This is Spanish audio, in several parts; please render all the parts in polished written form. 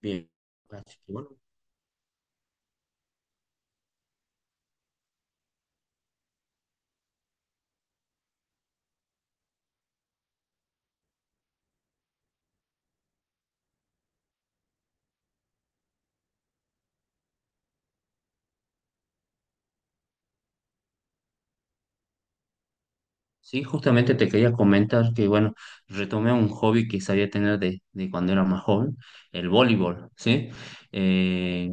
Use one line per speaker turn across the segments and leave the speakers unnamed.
Bien, así que sí, justamente te quería comentar que, bueno, retomé un hobby que sabía tener de cuando era más joven, el voleibol, ¿sí? Eh,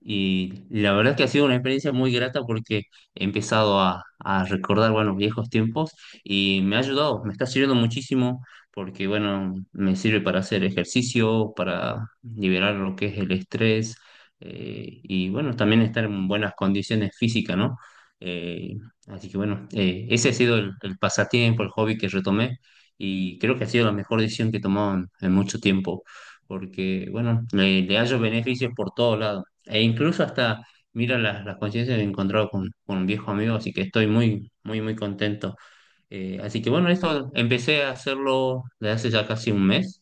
Y la verdad que ha sido una experiencia muy grata porque he empezado a recordar, bueno, viejos tiempos y me ha ayudado, me está sirviendo muchísimo porque, bueno, me sirve para hacer ejercicio, para liberar lo que es el estrés y, bueno, también estar en buenas condiciones físicas, ¿no? Eh, Ese ha sido el pasatiempo, el hobby que retomé, y creo que ha sido la mejor decisión que he tomado en mucho tiempo porque, bueno, le hallo beneficios por todos lados. E incluso hasta, mira, las coincidencias, me he encontrado con un viejo amigo, así que estoy muy, muy, muy contento. Así que bueno, esto empecé a hacerlo desde hace ya casi un mes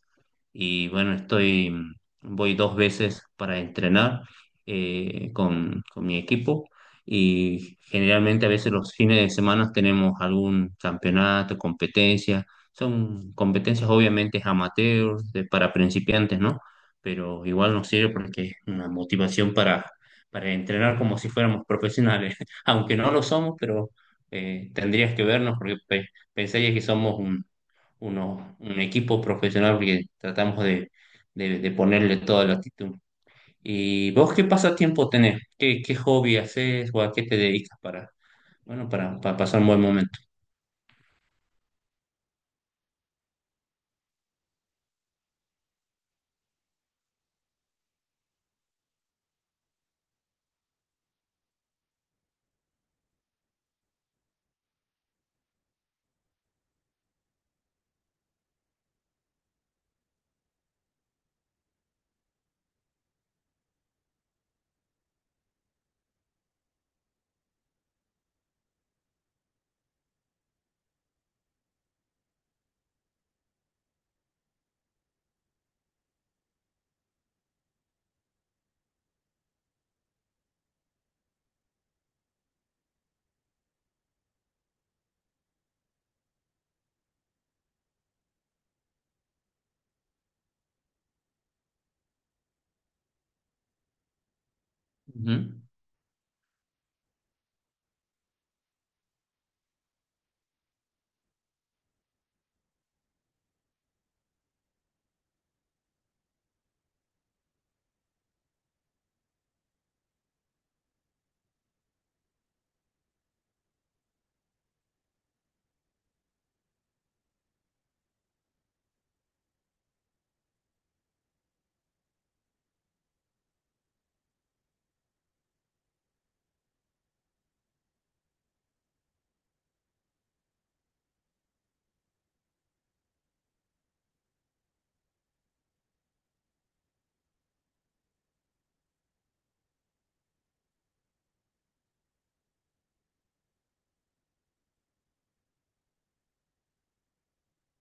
y bueno, voy dos veces para entrenar con mi equipo, y generalmente a veces los fines de semana tenemos algún campeonato, competencia. Son competencias obviamente amateur, para principiantes, ¿no? Pero igual nos sirve porque es una motivación para entrenar como si fuéramos profesionales, aunque no lo somos, pero tendrías que vernos porque pensarías que somos un equipo profesional porque tratamos de ponerle toda la actitud. ¿Y vos qué pasatiempo tenés? ¿Qué, qué hobby haces o a qué te dedicas para, bueno, para pasar un buen momento? Ujú.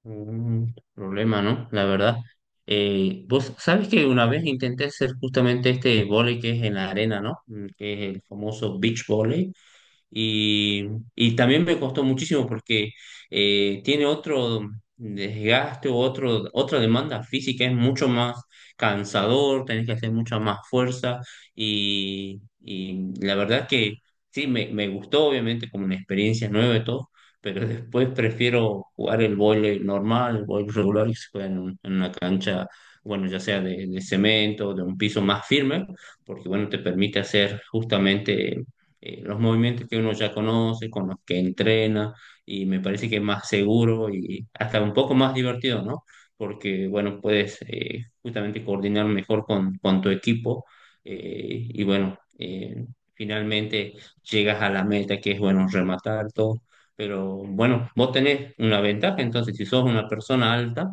Un problema, ¿no? La verdad. Vos sabés que una vez intenté hacer justamente este vóley que es en la arena, ¿no? Mm, que es el famoso beach volley. Y, y también me costó muchísimo porque tiene otro desgaste o otra demanda física, es mucho más cansador, tenés que hacer mucha más fuerza y la verdad que sí, me gustó obviamente como una experiencia nueva y todo, pero después prefiero jugar el vóley normal, el vóley regular que se juega en una cancha, bueno, ya sea de cemento, de un piso más firme, porque bueno, te permite hacer justamente los movimientos que uno ya conoce, con los que entrena, y me parece que es más seguro y hasta un poco más divertido, ¿no? Porque, bueno, puedes justamente coordinar mejor con tu equipo eh, y, bueno, eh, finalmente llegas a la meta que es, bueno, rematar todo. Pero bueno, vos tenés una ventaja, entonces si sos una persona alta,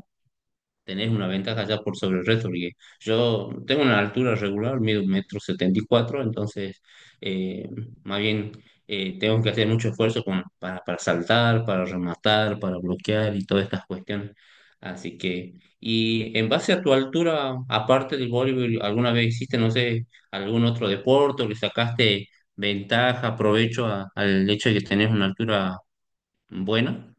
tenés una ventaja ya por sobre el resto, porque yo tengo una altura regular, mido un metro 74. Eh, Más bien tengo que hacer mucho esfuerzo para saltar, para rematar, para bloquear y todas estas cuestiones. Así que, y en base a tu altura, aparte del voleibol, ¿alguna vez hiciste, no sé, algún otro deporte o le sacaste ventaja, provecho al hecho de que tenés una altura buena?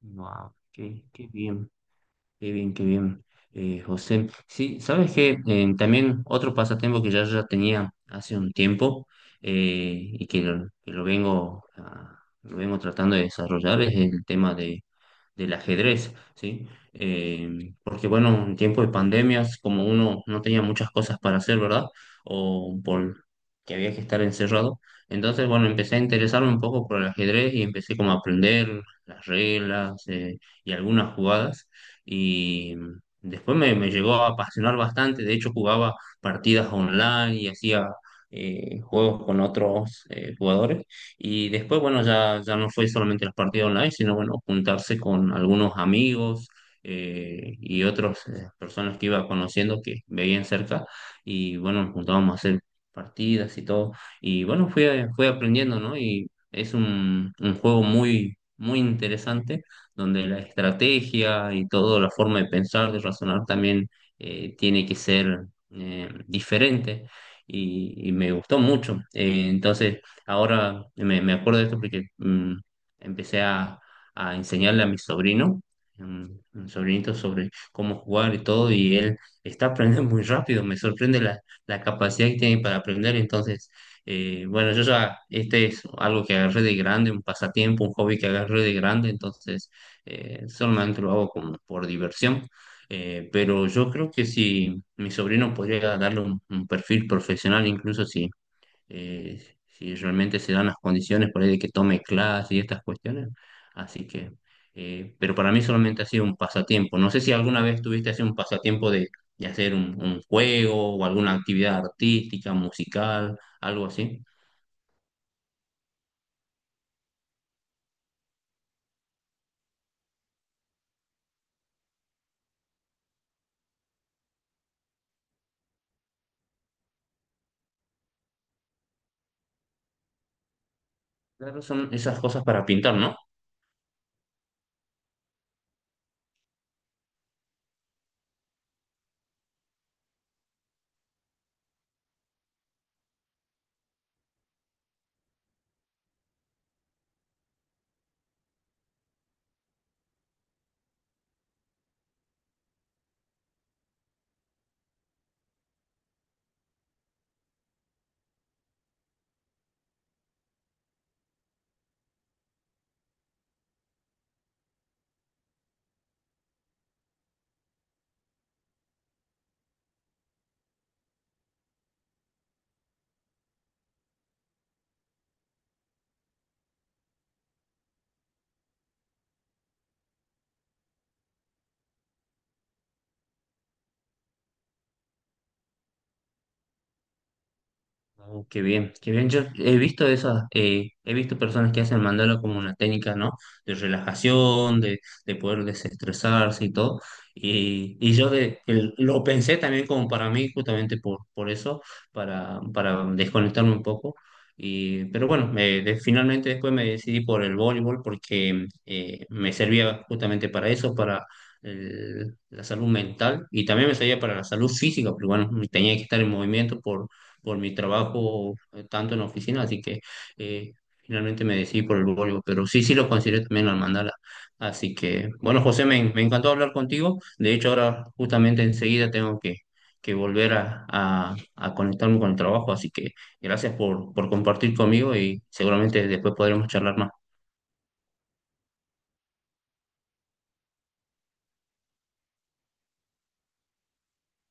Wow, qué, qué bien. Qué bien, qué bien, José. Sí, sabes que también otro pasatiempo que ya tenía hace un tiempo y que lo vengo, lo vengo tratando de desarrollar es el tema de del ajedrez, ¿sí? Porque bueno, en tiempo de pandemias, como uno no tenía muchas cosas para hacer, ¿verdad? O por que había que estar encerrado. Entonces, bueno, empecé a interesarme un poco por el ajedrez y empecé como a aprender las reglas y algunas jugadas. Y después me llegó a apasionar bastante. De hecho, jugaba partidas online y hacía juegos con otros jugadores. Y después, bueno, ya no fue solamente los partidos online, sino bueno, juntarse con algunos amigos y otras personas que iba conociendo que veían cerca. Y bueno, nos juntábamos a hacer partidas y todo. Y bueno, fui aprendiendo, ¿no? Y es un juego muy, muy interesante, donde la estrategia y toda la forma de pensar, de razonar también tiene que ser diferente. Y me gustó mucho. Entonces, ahora me acuerdo de esto porque mm, empecé a enseñarle a mi sobrino, mm, un sobrinito, sobre cómo jugar y todo, y él está aprendiendo muy rápido, me sorprende la capacidad que tiene para aprender. Entonces, bueno, yo ya, este es algo que agarré de grande, un pasatiempo, un hobby que agarré de grande. Entonces, solamente lo hago como por diversión. Pero yo creo que si mi sobrino podría darle un perfil profesional, incluso eh, si realmente se dan las condiciones por ahí de que tome clases y estas cuestiones. Así que, pero para mí solamente ha sido un pasatiempo. No sé si alguna vez tuviste así un pasatiempo de hacer un juego o alguna actividad artística, musical, algo así. Claro, son esas cosas para pintar, ¿no? Oh, qué bien, qué bien. Yo he visto esas, he visto personas que hacen mandala como una técnica, ¿no? De relajación, de poder desestresarse y todo. Y yo lo pensé también como para mí, justamente por eso, para desconectarme un poco. Y, pero bueno, finalmente después me decidí por el voleibol porque me servía justamente para eso, para la salud mental, y también me servía para la salud física, porque bueno, tenía que estar en movimiento por mi trabajo tanto en la oficina, así que eh, finalmente me decidí por el Volvo, pero sí, sí lo consideré también al mandala. Así que, bueno, José, me encantó hablar contigo. De hecho, ahora justamente enseguida tengo que volver a conectarme con el trabajo, así que gracias por compartir conmigo y seguramente después podremos charlar más.